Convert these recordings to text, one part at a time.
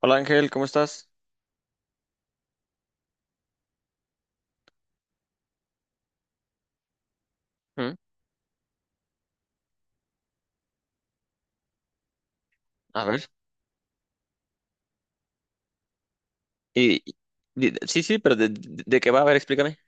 Hola Ángel, ¿cómo estás? Mm, A ver, y, y- sí, sí, pero de qué va? A ver, explícame.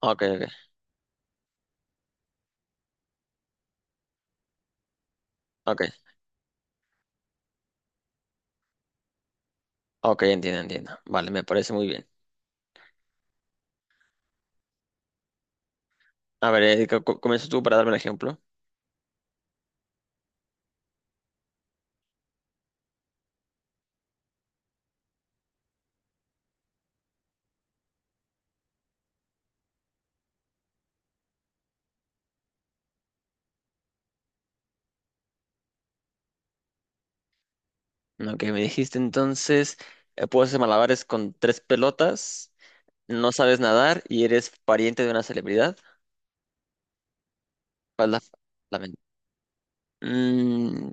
Ok, ok, ok, ok, entiendo, entiendo. Vale, me parece muy bien. A ver, comienza tú para darme el ejemplo. Ok, me dijiste entonces, puedo hacer malabares con tres pelotas, no sabes nadar y eres pariente de una celebridad. ¿Cuál es la, la men- Mm,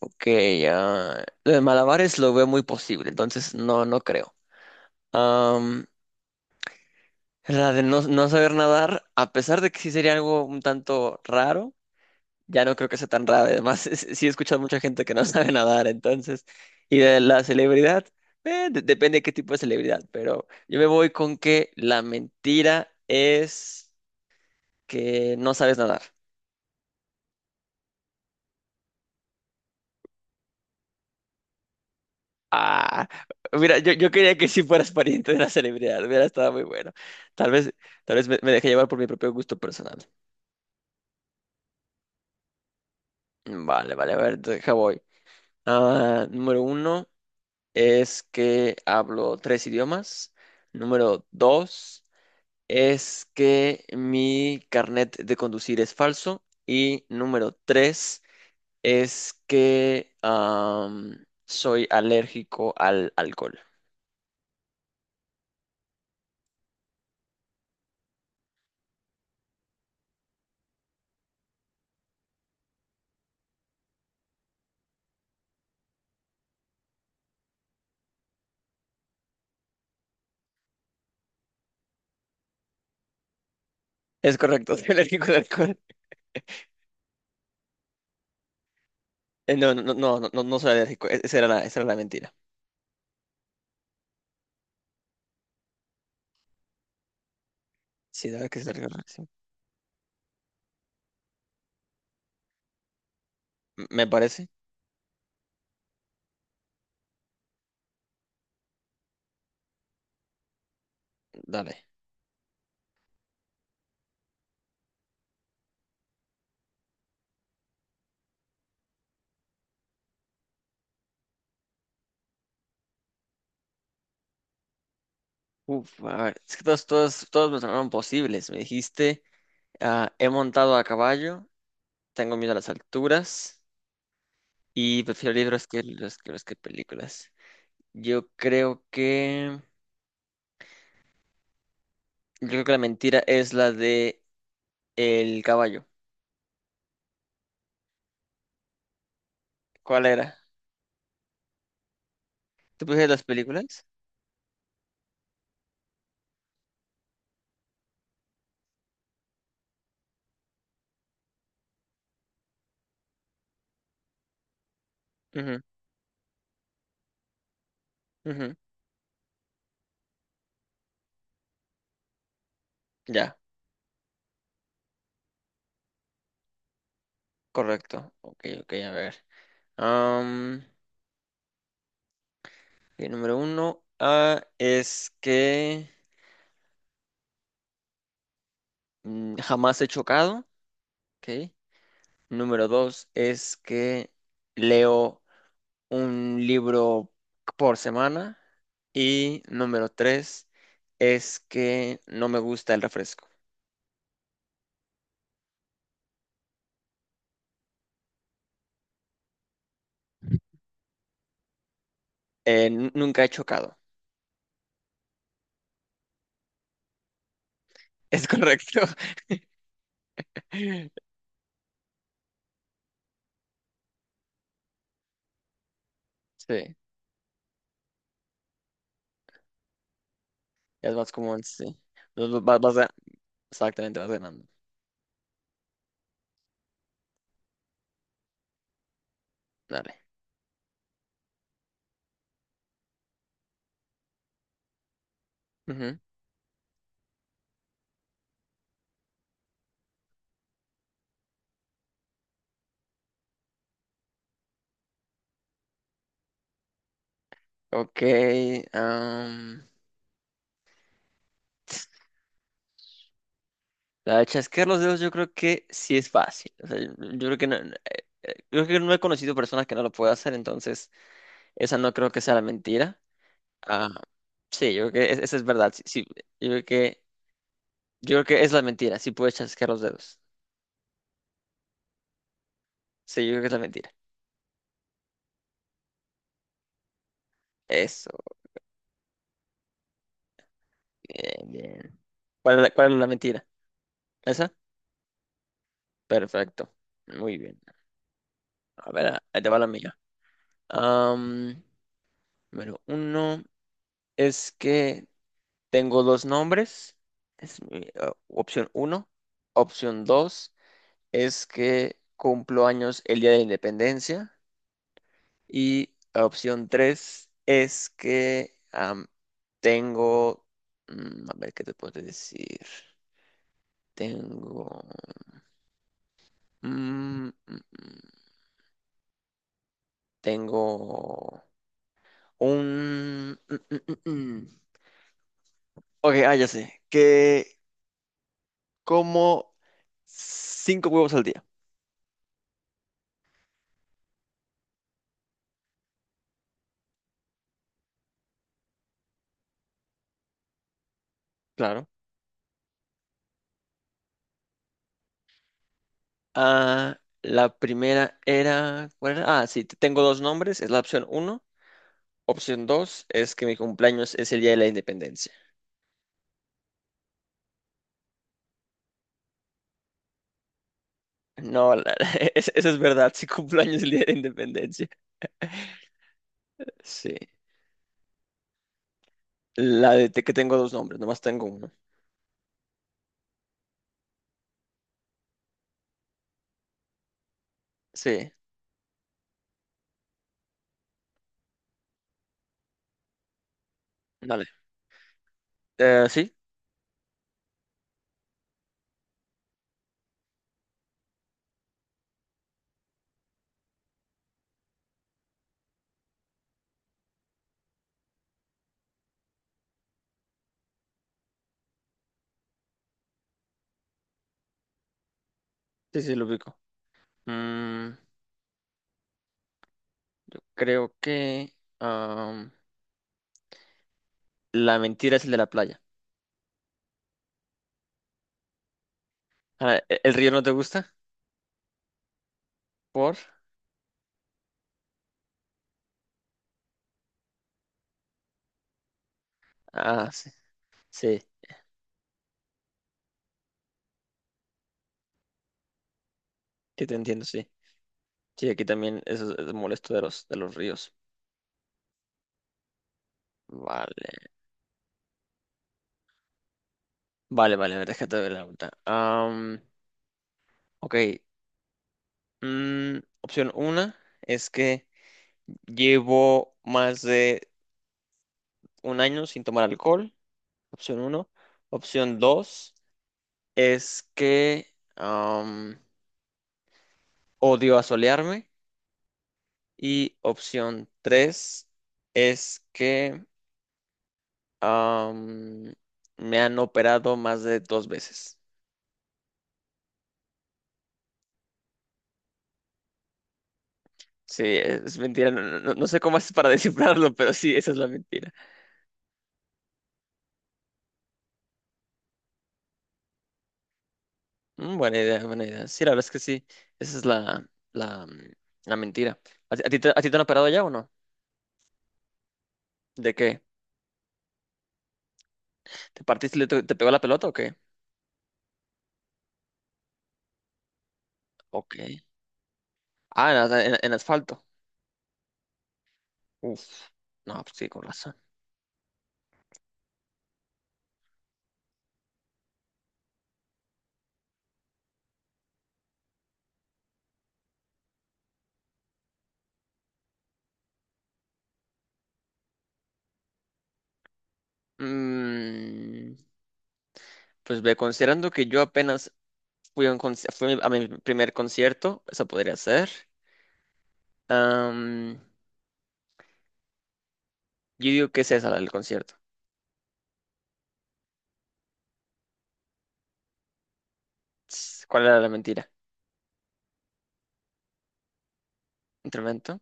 ok, lo de malabares lo veo muy posible, entonces no, no creo. La de no, no saber nadar, a pesar de que sí sería algo un tanto raro, ya no creo que sea tan raro. Además, sí he escuchado mucha gente que no sabe nadar, entonces. Y de la celebridad, depende de qué tipo de celebridad, pero yo me voy con que la mentira es que no sabes nadar. Ah, mira, yo quería que sí fueras pariente de una celebridad, hubiera estado muy bueno. Tal vez, tal vez me dejé llevar por mi propio gusto personal. Vale, vale, a ver, deja voy. Ah, número uno. Es que hablo tres idiomas. Número dos es que mi carnet de conducir es falso. Y número tres es que soy alérgico al alcohol. Es correcto, soy alérgico al alcohol. Eh, no, no, no, no, no, no soy alérgico. Esa era la mentira. Sí, dale que es alérgico al alcohol, sí. Me parece. Dale. Uf, a ver, es que todos, todos, todos me sonaron posibles. Me dijiste, he montado a caballo. Tengo miedo a las alturas y prefiero libros que los que películas. Yo creo que yo creo que la mentira es la de el caballo. ¿Cuál era? ¿Tú prefieres las películas? Ujú, ujú. Ya, correcto. Ok, ok, a ver. Am, ok, número uno es que jamás he chocado. Ok. Número dos es que leo un libro por semana. Y número tres es que no me gusta el refresco. Nunca he chocado. Es correcto. Sí, es más común, sí. Vas, vas- vas ga- exactamente, vas ganando. Dale. Ujú. Ok. am, la de chasquear los dedos yo creo que sí es fácil. O sea, yo creo que no, creo que no he conocido personas que no lo puedan hacer, entonces esa no creo que sea la mentira. Ah, sí, yo creo que eso es verdad. Sí, sí, yo creo que, yo creo que es la mentira. Sí puedes chasquear los dedos. Sí, yo creo que es la mentira. Eso, bien, bien. Cuál es la mentira? ¿Esa? Perfecto. Muy bien. A ver, ah, ahí te va la mía. Am, número uno es que tengo dos nombres. Es mi, opción uno. Opción dos es que cumplo años el día de la independencia. Y opción 3 es que tengo, a ver qué te puedo decir. Tengo, mm, mm, mm, tengo un, mm, mm, mm, mm. Ok, ah, ya sé, que como cinco huevos al día. Claro. Ah, la primera era, ¿cuál era? Ah, sí, tengo dos nombres, es la opción uno. Opción 2 es que mi cumpleaños es el día de la independencia. No, eso es verdad, sí cumplo años el día de la independencia. Sí. La de que tengo dos nombres, nomás tengo uno. Sí, dale. Eh, sí, sí, lo ubico. Mm, creo que am, la mentira es el de la playa. Ah, ¿el río no te gusta? ¿Por? Ah, sí. Sí, sí te entiendo, sí. Sí, aquí también eso es molesto de los ríos. Vale. Vale, vale, a ver, déjate ver la vuelta. Ok. Mm, opción una es que llevo más de un año sin tomar alcohol, opción uno. Opción dos es que am, odio asolearme. Y opción tres es que am, me han operado más de dos veces. Sí, es mentira. No no sé cómo haces para descifrarlo, pero sí, esa es la mentira. Mm, buena idea, buena idea. Sí, la verdad es que sí. Esa es la, la, la mentira. ¿A ti te han operado ya o no? ¿De qué? ¿Te partiste y te pegó la pelota o qué? Ok. Ah, en asfalto. Uf. No, pues sí, con razón. Mm, pues ve, considerando que yo apenas fui a mi primer concierto, eso podría ser. Am, yo digo que es esa la del concierto. Ts, ¿cuál era la mentira? ¿Instrumento?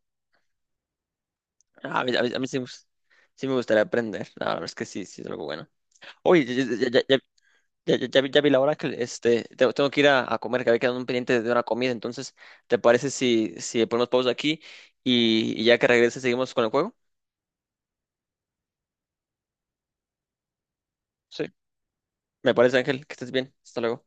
Ah, a mí, a mí sí, sí me gustaría aprender. La verdad es que sí, sí es algo bueno. Oye, ya, ya, ya vi la hora que este, tengo que ir a comer, que había quedado un pendiente de una comida. Entonces, ¿te parece si, si ponemos pausa aquí y ya que regrese seguimos con el juego? Sí. Me parece, Ángel, que estés bien. Hasta luego.